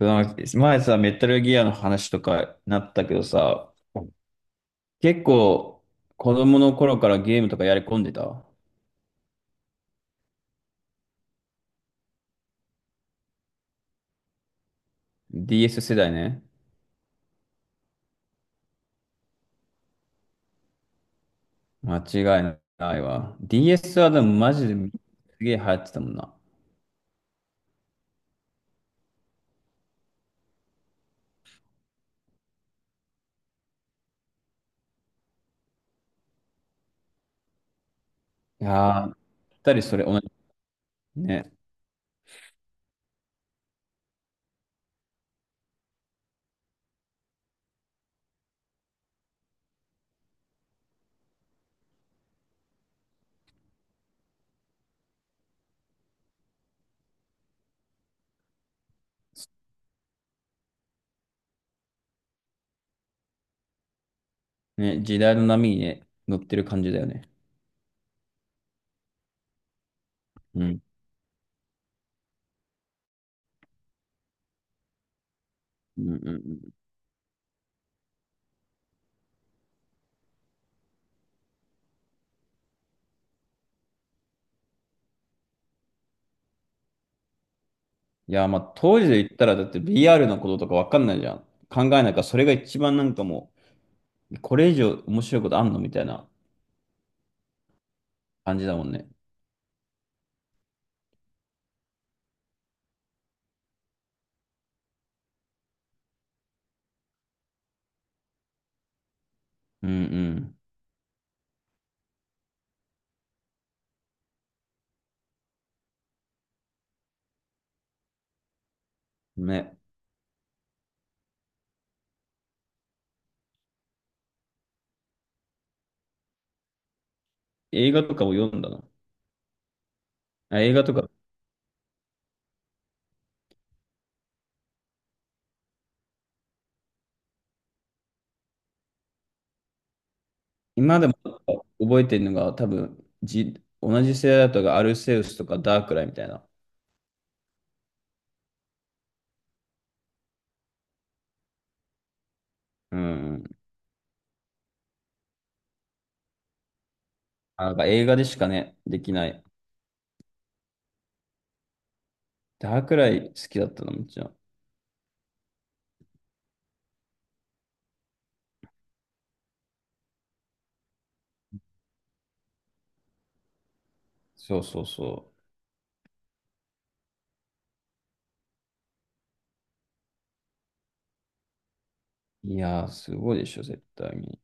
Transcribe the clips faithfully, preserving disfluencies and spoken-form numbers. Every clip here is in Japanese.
その前さ、メタルギアの話とかなったけどさ、結構子供の頃からゲームとかやり込んでた ディーエス 世代ね。間違いないわ。ディーエス はでもマジですげえ流行ってたもんな。いやー、ぴったりそれ同じ。ね、ね、時代の波にね、乗ってる感じだよね。うん。うんうんうん。いやー、まあ当時で言ったらだって ブイアール のこととかわかんないじゃん。考えないから、それが一番なんかもう、これ以上面白いことあんのみたいな感じだもんね。うんうんね。映画とかを読んだの。あ、映画とか、今でも覚えてるのが多分、じ、同じ世代だとアルセウスとかダークライみたいな。うん。あ、なんか映画でしかね、できない。ダークライ好きだったの、もちろん。そうそうそう。いやー、すごいでしょ、絶対に。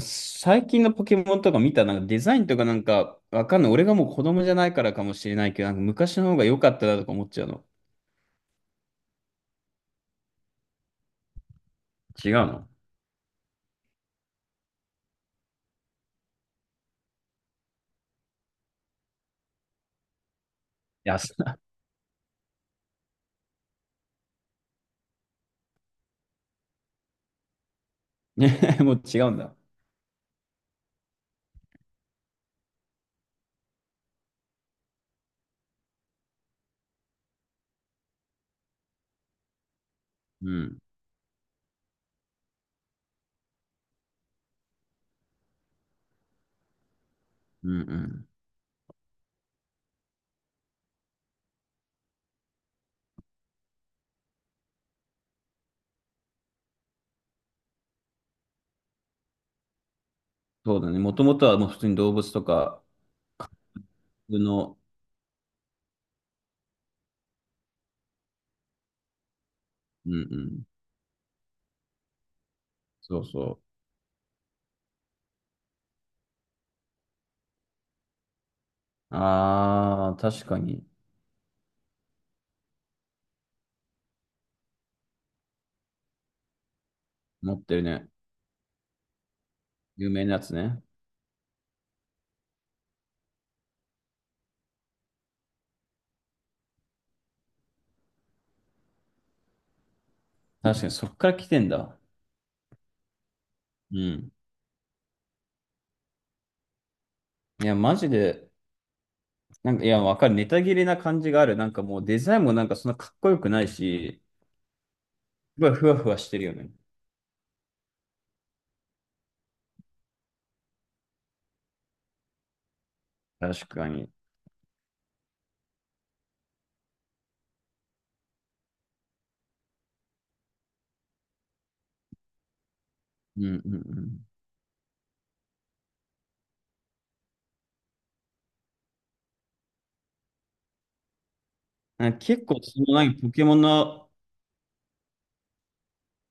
最近のポケモンとか見た、なんかデザインとかなんか、わかんない。俺がもう子供じゃないからかもしれないけど、なんか昔の方が良かったなとか思っちゃうの。違うの。いや、そ ね。もう違うんだ。うん。うんうん。そうだね。もともとはもう普通に動物とか、普通の、うんうん。そうそう。ああ、確かに。持ってるね。有名なやつね。確かに、そっから来てんだ。うん。いや、マジで、なんか、いや、わかる。ネタ切れな感じがある。なんかもうデザインもなんかそんなかっこよくないし、すごいふわふわしてるよね。確かに。うんうんうん。なんか結構、そのなんかポケモンの、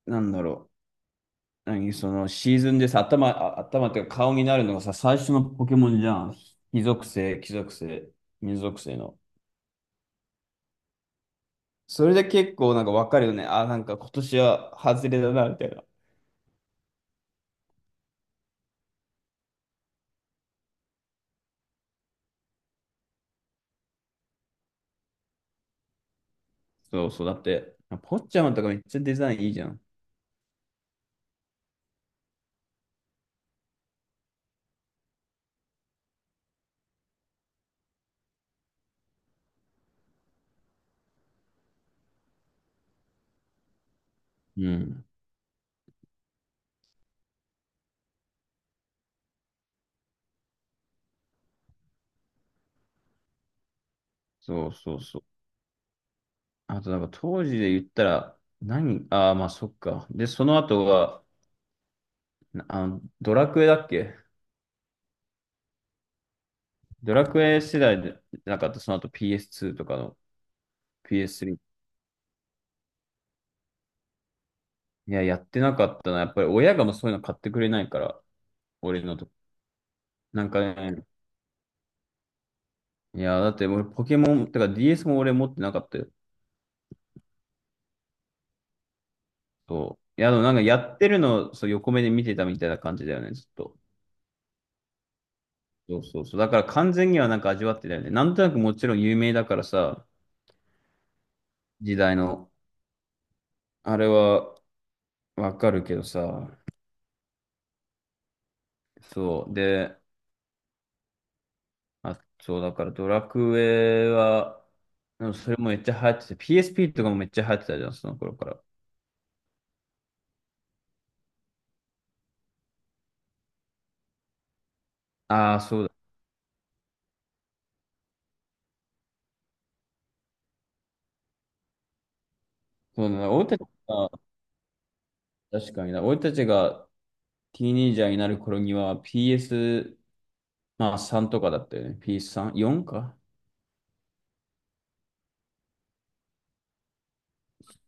なんだろう。何そのシーズンでさ、頭、あ頭っていうか顔になるのがさ、最初のポケモンじゃん。火属性、木属性、水属性の。それで結構なんかわかるよね。あ、なんか今年は外れだな、みたいな。そうそう。だって、ポッチャマとかめっちゃデザインいいじゃん。うん。そうそうそう。あとなんか当時で言ったら、何ああー、まあそっか。で、その後が、なあの、ドラクエだっけ。ドラクエ世代でなかった、その後 ピーエスツー とかの ピーエススリー。 いや、やってなかったな。やっぱり親がもうそういうの買ってくれないから、俺のと。なんかね、いや、だって俺ポケモン、てか ディーエス も俺持ってなかったよ。そう。いや、でもなんかやってるのそう横目で見てたみたいな感じだよね、ずっと。そうそうそう。だから完全にはなんか味わってたよね。なんとなくもちろん有名だからさ、時代の。あれはわかるけどさ。そう。で、あ、そう、だからドラクエは、でもそれもめっちゃ流行ってて、ピーエスピー とかもめっちゃ流行ってたじゃん、その頃から。ああ、そうだ。そうだな、俺たちが、確かにな、俺たちがティーネイジャーになる頃には ピーエス、まあさんとかだったよね。ピーエススリー、よんか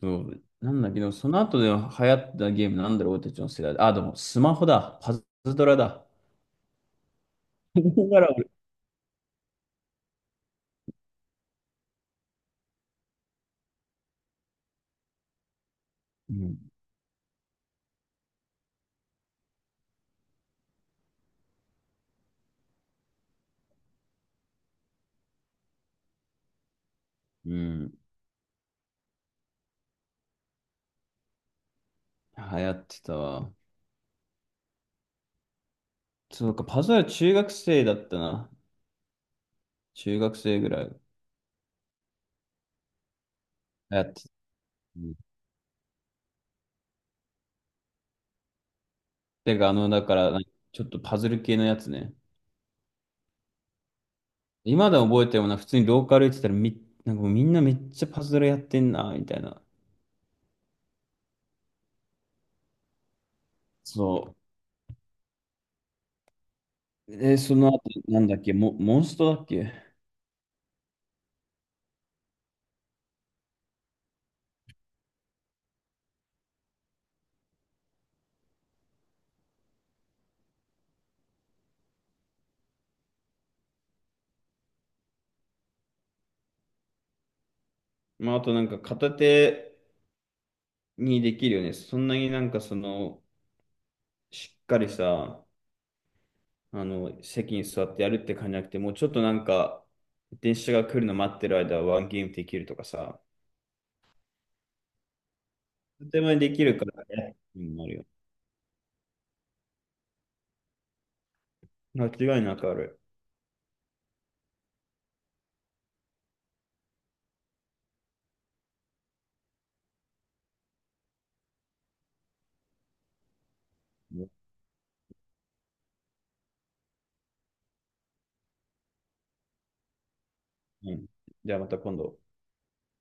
そう。なんだけど、その後で流行ったゲームなんだろう、俺たちの世代で。あ、でもスマホだ。パズドラだ。だから俺うん。うん。流行ってたわ。そうか、パズドラ中学生だったな。中学生ぐらい流行ってた。うん。てか、あの、だから、ちょっとパズル系のやつね。今でも覚えてるもんな、普通にローカル行ってたらみ、なんかもうみんなめっちゃパズルやってんな、みたいな。そう。え、その後、なんだっけ、モ、モンストだっけ。まあ、あとなんか片手にできるよね。そんなになんかその、しっかりさ、あの、席に座ってやるって感じじゃなくて、もうちょっとなんか、電車が来るの待ってる間はワンゲームできるとかさ、とてもできるからね、うんあるよ。間違いなくある。うん。じゃあまた今度。